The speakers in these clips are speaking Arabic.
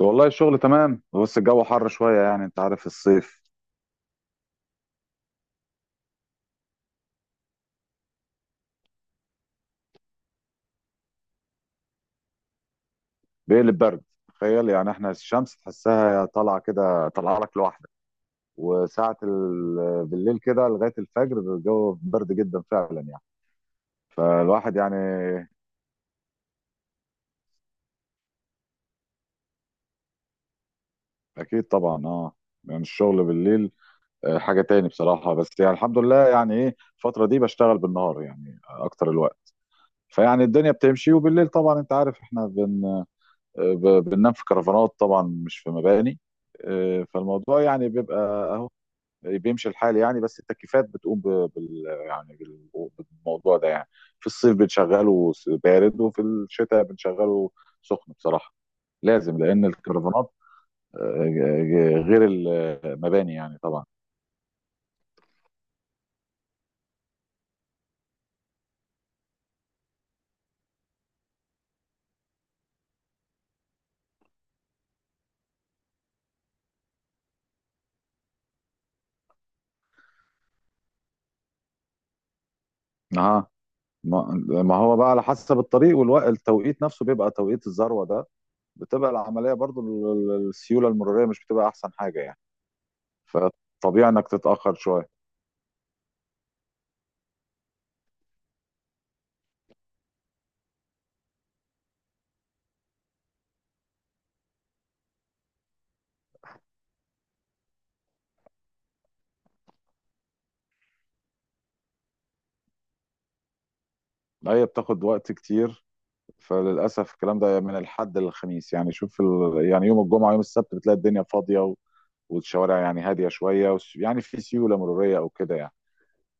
والله الشغل تمام، بس الجو حر شوية، يعني انت عارف الصيف بيقلب برد. تخيل يعني احنا الشمس تحسها طالعة كده، طالعة لك لوحدك. وساعة بالليل كده لغاية الفجر الجو برد جدا فعلا يعني. فالواحد يعني اكيد طبعا، يعني الشغل بالليل حاجة تاني بصراحة. بس يعني الحمد لله، يعني ايه، الفترة دي بشتغل بالنهار يعني اكتر الوقت، فيعني الدنيا بتمشي. وبالليل طبعا انت عارف احنا بننام في كرفانات، طبعا مش في مباني. فالموضوع يعني بيبقى اهو، بيمشي الحال يعني. بس التكييفات بتقوم بالموضوع ده يعني. في الصيف بنشغله بارد، وفي الشتاء بنشغله سخن بصراحة. لازم، لأن الكرفانات غير المباني يعني طبعا. اه، ما ما هو بقى على حسب الطريق، والتوقيت نفسه بيبقى توقيت الذروة ده. بتبقى العملية برضو السيولة المرورية مش بتبقى أحسن حاجة يعني. فطبيعي انك تتاخر شويه. لا هي بتاخد وقت كتير، فللاسف الكلام ده من الحد للخميس، يعني شوف يعني يوم الجمعه يوم السبت بتلاقي الدنيا فاضيه والشوارع يعني هاديه شويه، يعني في سيوله مروريه او كده يعني.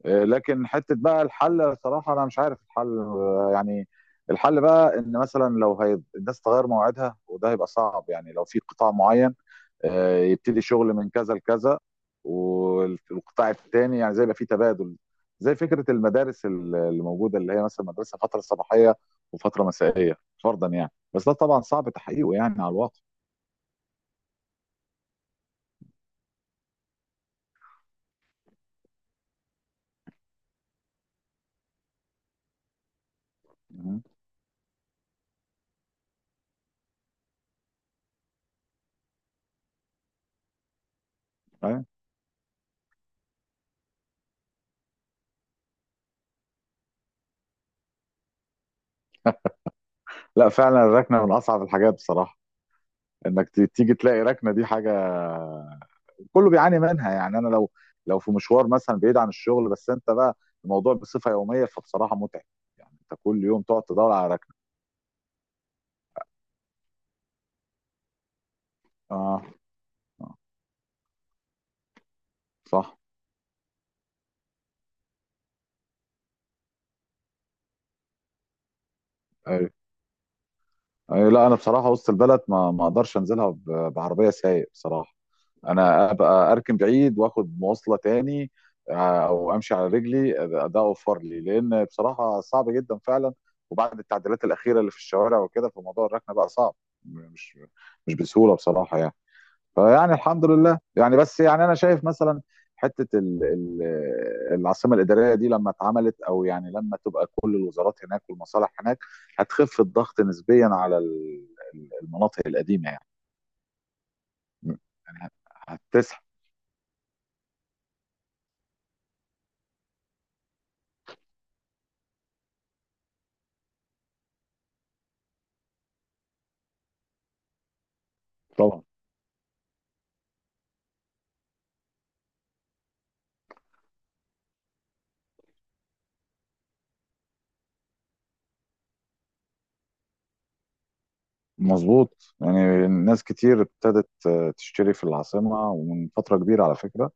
لكن حته بقى الحل، صراحه انا مش عارف الحل يعني. الحل بقى ان مثلا الناس تغير موعدها، وده هيبقى صعب يعني. لو في قطاع معين يبتدي شغل من كذا لكذا، والقطاع الثاني يعني زي يبقى في تبادل، زي فكره المدارس اللي موجوده، اللي هي مثلا مدرسه فتره صباحيه وفتره مسائيه فرضا يعني. بس ده طبعا صعب تحقيقه يعني على الواقع. مم. أيوة. لا فعلا الركنه من اصعب الحاجات بصراحه. انك تيجي تلاقي ركنه، دي حاجه كله بيعاني منها يعني. انا لو في مشوار مثلا بعيد عن الشغل، بس انت بقى الموضوع بصفه يوميه فبصراحه متعب. يعني انت كل يوم تقعد تدور على ركنه. اه، آه، صح. أي، لا انا بصراحه وسط البلد ما اقدرش انزلها بعربيه سايق بصراحه. انا ابقى اركن بعيد واخد مواصله تاني، او امشي على رجلي. ده اوفر لي، لان بصراحه صعب جدا فعلا، وبعد التعديلات الاخيره اللي في الشوارع وكده فموضوع الركنه بقى صعب، مش مش بسهوله بصراحه يعني. فيعني الحمد لله يعني. بس يعني انا شايف مثلا حته ال العاصمه الاداريه دي لما اتعملت، او يعني لما تبقى كل الوزارات هناك والمصالح هناك هتخف الضغط نسبيا على المناطق القديمه يعني. يعني هتسحب طبعا. مظبوط، يعني ناس كتير ابتدت تشتري في العاصمه، ومن فتره كبيره على فكره.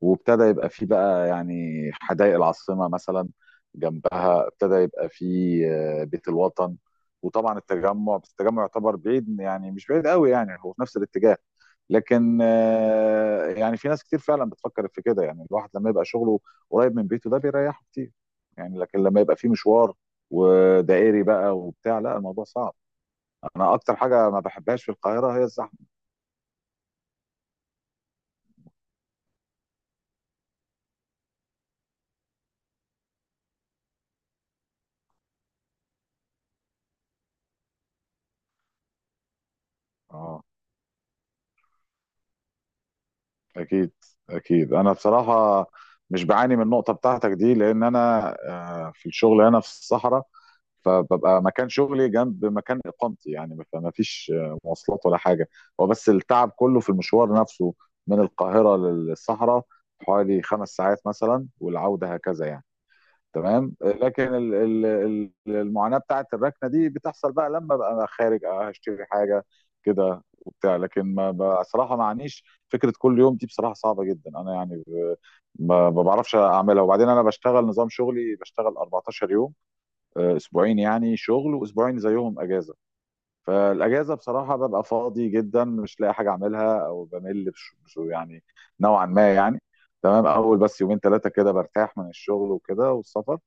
وابتدى يبقى فيه بقى يعني حدائق العاصمة مثلا، جنبها ابتدى يبقى فيه بيت الوطن. وطبعا التجمع، بس التجمع يعتبر بعيد، يعني مش بعيد قوي يعني، هو في نفس الاتجاه. لكن يعني في ناس كتير فعلا بتفكر في كده. يعني الواحد لما يبقى شغله قريب من بيته ده بيريحه كتير يعني. لكن لما يبقى فيه مشوار ودائري بقى وبتاع، لا الموضوع صعب. انا اكتر حاجة ما بحبهاش في القاهرة هي الزحمة. اه، اكيد اكيد. انا بصراحه مش بعاني من النقطه بتاعتك دي، لان انا في الشغل هنا في الصحراء، فببقى مكان شغلي جنب مكان اقامتي يعني، فما فيش مواصلات ولا حاجه. هو بس التعب كله في المشوار نفسه، من القاهره للصحراء، حوالي 5 ساعات مثلا، والعوده هكذا يعني. تمام. لكن المعاناة بتاعت الركنة دي بتحصل بقى لما بقى أنا خارج، هشتري حاجة كده وبتاع. لكن ما بصراحة ما عنيش فكرة كل يوم دي، بصراحة صعبة جدا. أنا يعني ما بعرفش أعملها. وبعدين أنا بشتغل نظام شغلي، بشتغل 14 يوم، أسبوعين يعني شغل، وأسبوعين زيهم أجازة. فالاجازه بصراحه ببقى فاضي جدا، مش لاقي حاجه اعملها، او بمل يعني نوعا ما يعني. تمام اول، بس يومين ثلاثه كده برتاح من الشغل وكده والسفر.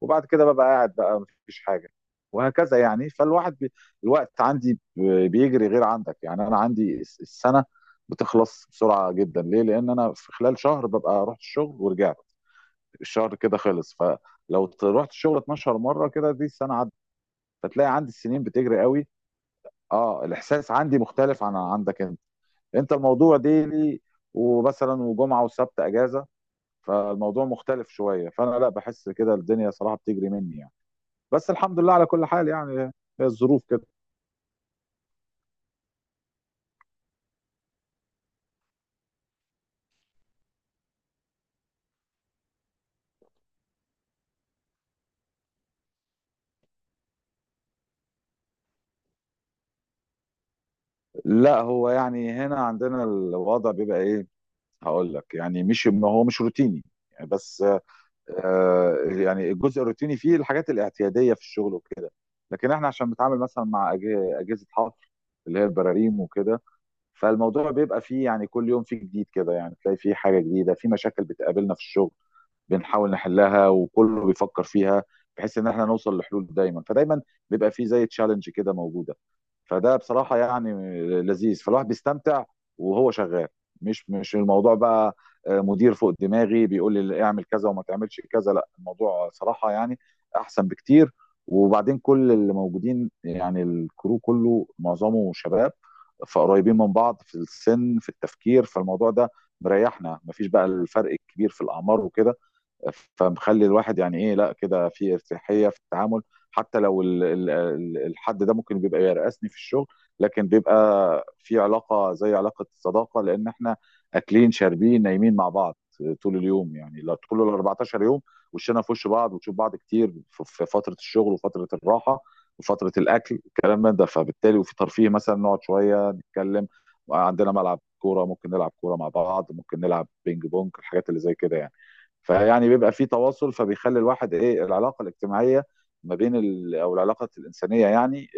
وبعد كده ببقى قاعد بقى، مفيش حاجه، وهكذا يعني. الوقت عندي بيجري غير عندك، يعني انا عندي السنه بتخلص بسرعه جدا. ليه؟ لان انا في خلال شهر ببقى رحت الشغل ورجعت، الشهر كده خلص. فلو رحت الشغل 12 مره كده دي السنه عدت. فتلاقي عندي السنين بتجري قوي. اه، الاحساس عندي مختلف عن عندك. انت، انت الموضوع ديلي، ومثلا وجمعه وسبت اجازه، فالموضوع مختلف شويه. فانا لا بحس كده الدنيا صراحه بتجري مني يعني. بس الحمد لله على كل حال يعني، هي الظروف كده. لا هو يعني هنا عندنا الوضع بيبقى ايه، هقول لك. يعني مش ما هو مش روتيني يعني، بس يعني الجزء الروتيني فيه الحاجات الاعتياديه في الشغل وكده. لكن احنا عشان بنتعامل مثلا مع اجهزه حفر اللي هي البراريم وكده، فالموضوع بيبقى فيه يعني كل يوم فيه جديد كده. يعني تلاقي فيه حاجة جديدة في مشاكل بتقابلنا في الشغل، بنحاول نحلها، وكله بيفكر فيها بحيث ان احنا نوصل لحلول دايما. فدايما بيبقى فيه زي تشالنج كده موجودة، فده بصراحة يعني لذيذ، فالواحد بيستمتع وهو شغال. مش الموضوع بقى مدير فوق دماغي بيقول لي اعمل كذا وما تعملش كذا، لا الموضوع صراحة يعني احسن بكتير. وبعدين كل اللي موجودين، يعني الكرو كله معظمه شباب، فقريبين من بعض في السن، في التفكير، فالموضوع ده مريحنا. مفيش بقى الفرق الكبير في الاعمار وكده، فمخلي الواحد يعني ايه، لا كده في ارتياحيه في التعامل. حتى لو الحد ده ممكن بيبقى يرقصني في الشغل، لكن بيبقى في علاقه زي علاقه الصداقه، لان احنا اكلين شاربين نايمين مع بعض طول اليوم يعني، طول ال 14 يوم. وشنا في وش بعض، وتشوف بعض كتير في فتره الشغل وفتره الراحه وفتره الاكل، الكلام من ده. فبالتالي وفي ترفيه مثلا، نقعد شويه نتكلم، عندنا ملعب كوره ممكن نلعب كوره مع بعض، ممكن نلعب بينج بونج، الحاجات اللي زي كده يعني. فيعني بيبقى في تواصل، فبيخلي الواحد ايه، العلاقه الاجتماعيه ما بين او العلاقه الانسانيه يعني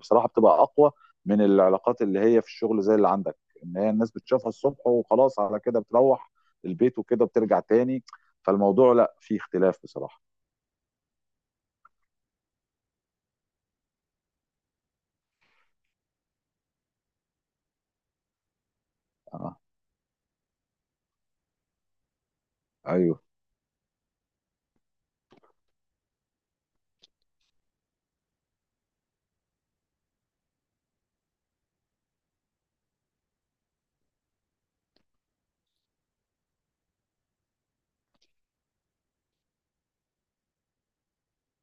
بصراحه بتبقى اقوى من العلاقات اللي هي في الشغل زي اللي عندك، ان هي الناس بتشوفها الصبح وخلاص، على كده بتروح البيت وكده، بترجع تاني. فالموضوع لا فيه اختلاف بصراحه. آه. ايوه،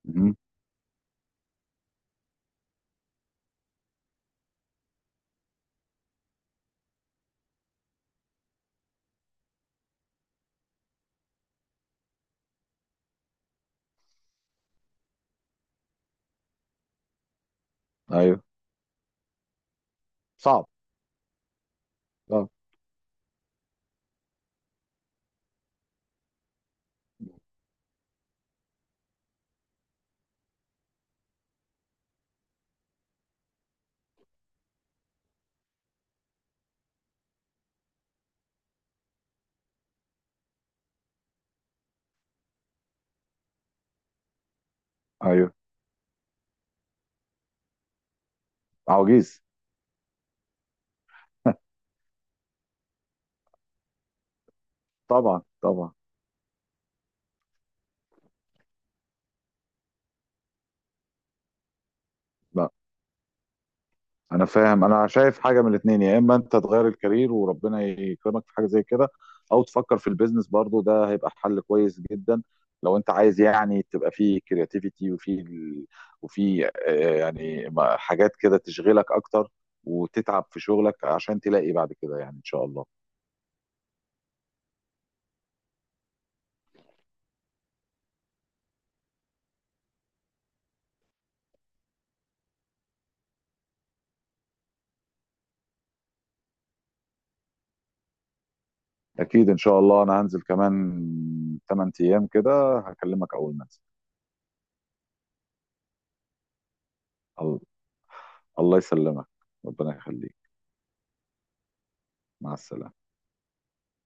مهم. ايوه، صعب. صعب. ايوه. عواجيز. طبعا طبعا. لا انا فاهم، انا شايف حاجه من الاثنين: يا اما انت تغير الكارير وربنا يكرمك في حاجه زي كده، او تفكر في البيزنس، برضو ده هيبقى حل كويس جدا لو انت عايز يعني تبقى فيه كرياتيفيتي، وفي وفي يعني حاجات كده تشغلك اكتر، وتتعب في شغلك عشان تلاقي بعد كده يعني ان شاء الله. اكيد ان شاء الله، انا هنزل كمان 8 ايام كده، هكلمك اول ما انزل. الله، الله يسلمك، ربنا يخليك، مع السلامه.